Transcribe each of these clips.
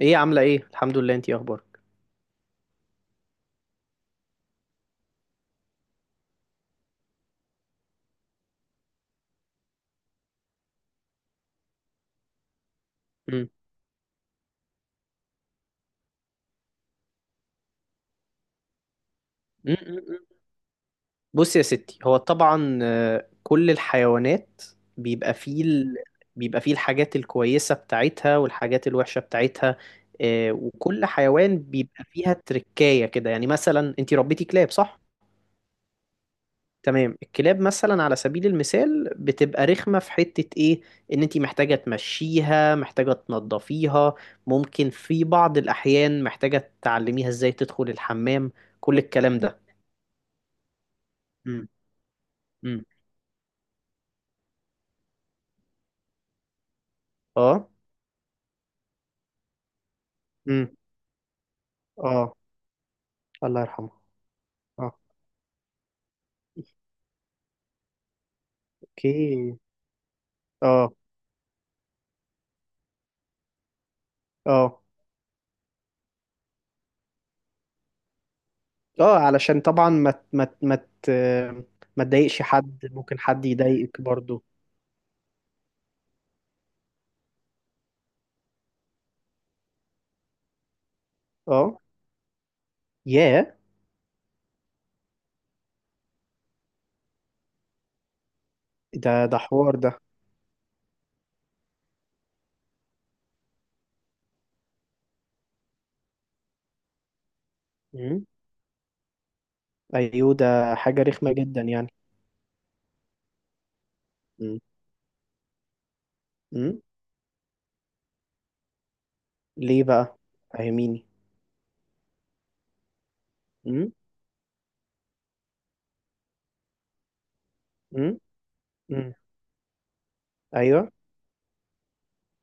ايه، عامله ايه؟ الحمد لله. انتي إيه اخبارك؟ مم. مم، مم، مم. بص يا ستي، هو طبعا كل الحيوانات بيبقى فيه ال... بيبقى فيه الحاجات الكويسه بتاعتها والحاجات الوحشه بتاعتها. وكل حيوان بيبقى فيها تركايه كده. يعني مثلا انتي ربيتي كلاب، صح؟ تمام، الكلاب مثلا على سبيل المثال بتبقى رخمه في حته ايه، ان انتي محتاجه تمشيها، محتاجه تنضفيها، ممكن في بعض الاحيان محتاجه تعلميها ازاي تدخل الحمام. كل الكلام ده. امم. امم. اه. امم. اه. الله يرحمه. اه. اوكي. اه. اه. اه، علشان طبعا ت- ما تضايقش حد، ممكن حد يضايقك برضو. اه. ياه. ده حوار ده. امم. ايوه، ده حاجة رخمة جدا يعني. امم. امم. ليه بقى؟ فاهميني. امم. امم. امم. ايوه.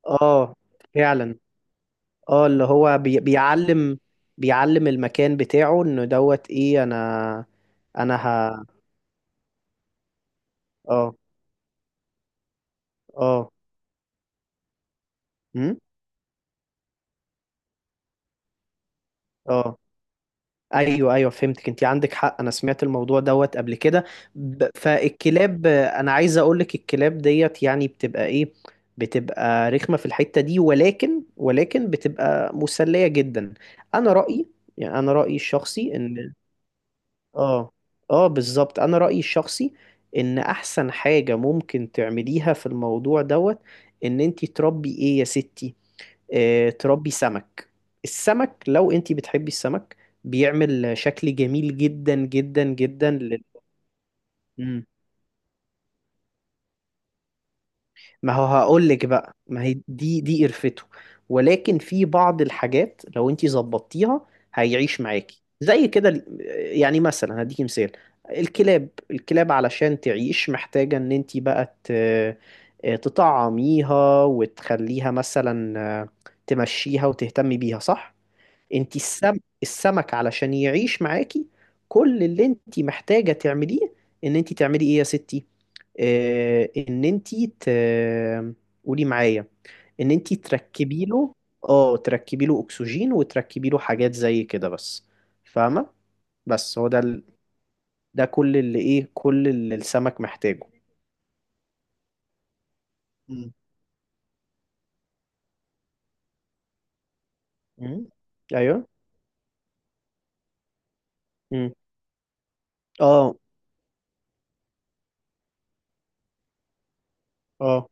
اه، فعلا. اه، اللي هو بيعلم المكان بتاعه، انه دوت ايه. انا انا ه اه. اه. امم. اه. ايوه، ايوه، فهمتك، انت عندك حق. انا سمعت الموضوع دوت قبل كده. فالكلاب انا عايز اقولك، الكلاب ديت يعني بتبقى ايه، بتبقى رخمة في الحتة دي، ولكن بتبقى مسلية جدا. انا رأيي، يعني انا رأيي الشخصي ان اه. اه، بالظبط. انا رأيي الشخصي ان احسن حاجة ممكن تعمليها في الموضوع دوت ان انتي تربي ايه يا ستي، اه، تربي سمك. السمك، لو انتي بتحبي السمك، بيعمل شكل جميل جدا جدا جدا مم. ما هو هقول لك بقى، ما هي دي قرفته، ولكن في بعض الحاجات لو انت ظبطتيها هيعيش معاكي زي كده يعني مثلا هديكي مثال. الكلاب علشان تعيش محتاجة ان انت بقى تطعميها وتخليها، مثلا تمشيها وتهتمي بيها، صح؟ انت السم السمك علشان يعيش معاكي، كل اللي انت محتاجة تعمليه ان انت تعملي ايه يا ستي، ان انتي قولي معايا، ان انتي تركبي له، اه، تركبي له اكسجين، وتركبي له حاجات زي كده بس. فاهمة؟ بس هو ده ده كل اللي ايه، كل اللي السمك محتاجه. مم. مم. ايوه. مم. اه. اه.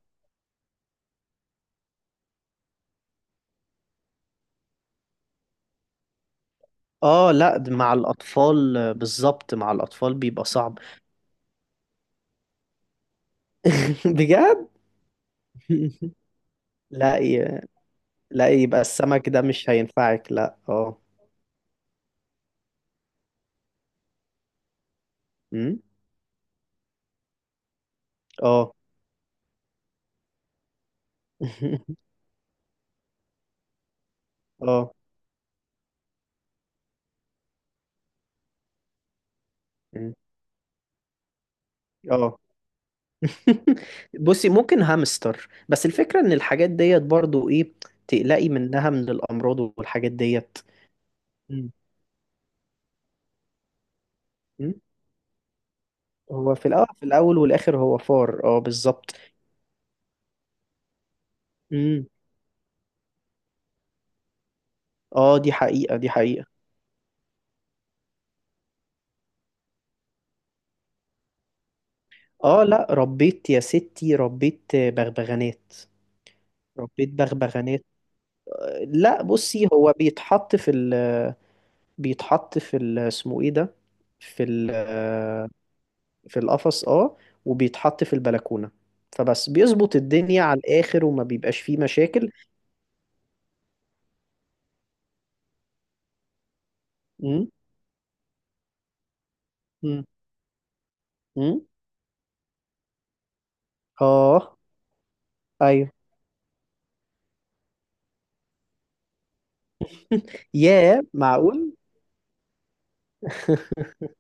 اه، لا، ده مع الاطفال، بالظبط مع الاطفال بيبقى صعب. بجد. لا لا، يبقى السمك ده مش هينفعك، لا، اه. مم. اه. اه. اه. بصي، ممكن هامستر، بس الفكرة ان الحاجات ديت برضو ايه، تقلقي منها من الامراض والحاجات ديت. مم. مم. هو في الاول، في الاول والاخر هو فار، اه بالظبط. مم. اه، دي حقيقة، دي حقيقة. اه، لا، ربيت يا ستي، ربيت بغبغانات. ربيت بغبغانات. لا بصي، هو بيتحط في ال، بيتحط في ال اسمه ايه ده، في ال، في القفص اه، وبيتحط في البلكونة. فبس بيظبط الدنيا على الآخر وما بيبقاش فيه مشاكل. امم. امم. امم. اه. ايوه. ياه، معقول؟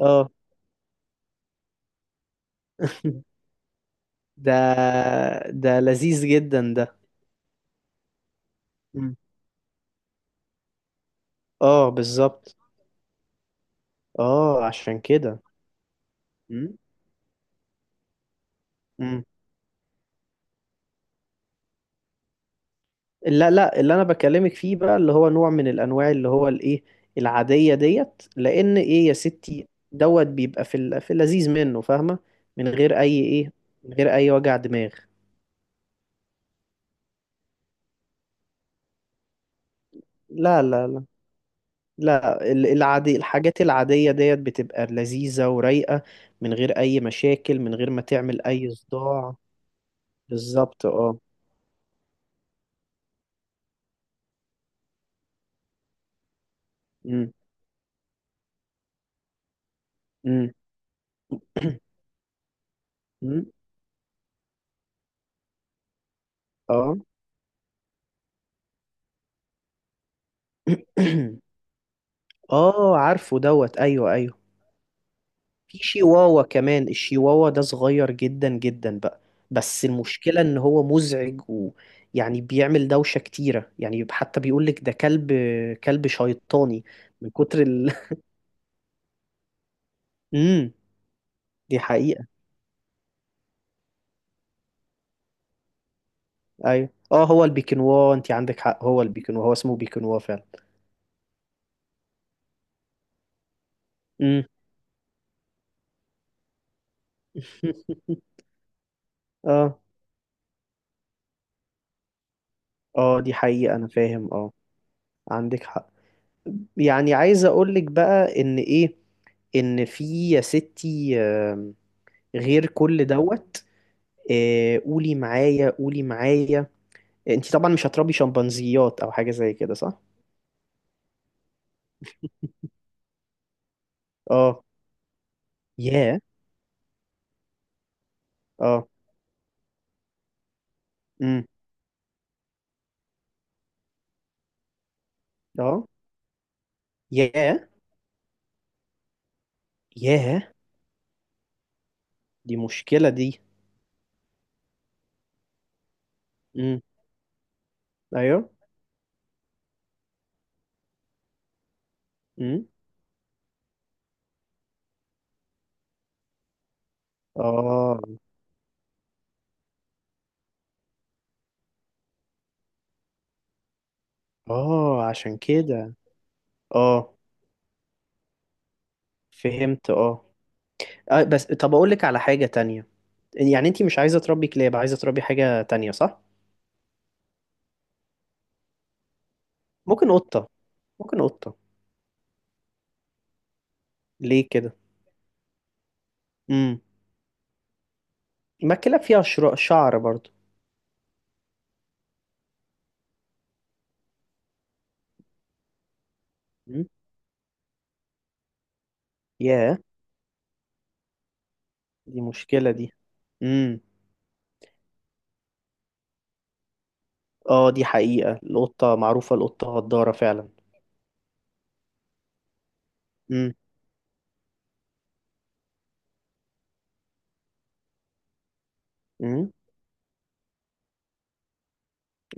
اه. ده ده لذيذ جدا ده. مم. اه، بالظبط. اه عشان كده. مم. مم. لا لا، اللي انا بكلمك فيه بقى اللي هو نوع من الانواع اللي هو الايه، العاديه ديت، لان ايه يا ستي دوت بيبقى في في اللذيذ منه، فاهمه؟ من غير اي ايه، من غير اي وجع دماغ. لا لا لا، لا العادي، الحاجات العاديه ديت بتبقى لذيذه ورايقه، من غير اي مشاكل، من غير ما تعمل اي صداع. بالظبط اه. امم. امم. أمم. اه. اه، عارفه دوت، ايوه ايوه. في شيواوا كمان، الشيواوا ده صغير جدا جدا بقى، بس المشكلة ان هو مزعج ويعني بيعمل دوشة كتيرة، يعني حتى بيقولك ده كلب، كلب شيطاني، من كتر ال. امم. دي حقيقة. ايوه اه، هو البيكنوا انت عندك حق، هو البيكنوا هو اسمه بيكنوا فعلا. امم. اه. اه دي حقيقة، انا فاهم اه، عندك حق. يعني عايز اقولك بقى ان ايه، ان في يا ستي غير كل دوت، قولي معايا، قولي معايا، انت طبعا مش هتربي شمبانزيات او حاجه زي كده، صح؟ اه. ياه. اه. امم. اه. ياه. ياه، دي مشكله دي. امم. ايوه. امم. اه. اه عشان كده. اه، فهمت اه. بس طب اقول لك على حاجه تانية، يعني انت مش عايزه تربي كلاب، عايزه تربي حاجه تانية، صح؟ ممكن قطه، ممكن قطه. ليه كده؟ امم. ما الكلاب فيها شعر برضو. امم. ياه، دي مشكلة دي. امم. اه، دي حقيقة، القطة معروفة، القطة غدارة فعلا. امم. امم.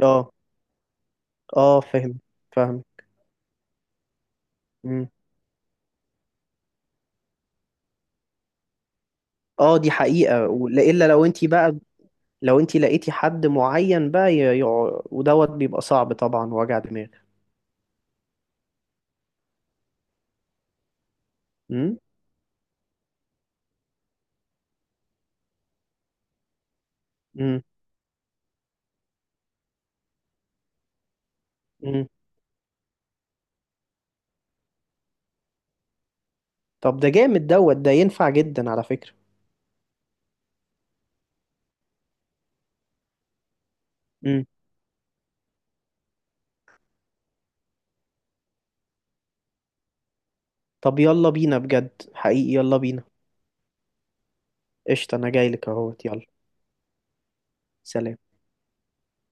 اه. اه، فاهم، فاهم. امم. اه، دي حقيقة، الا لو انتي بقى، لو انتي لقيتي حد معين بقى ودوت بيبقى صعب طبعا، وجع دماغ. امم. امم. امم. طب ده جامد دوت، ده ينفع جدا على فكرة. امم. طب يلا بينا، بجد حقيقي يلا بينا. قشطة، انا جايلك اهوت، يلا. سلام.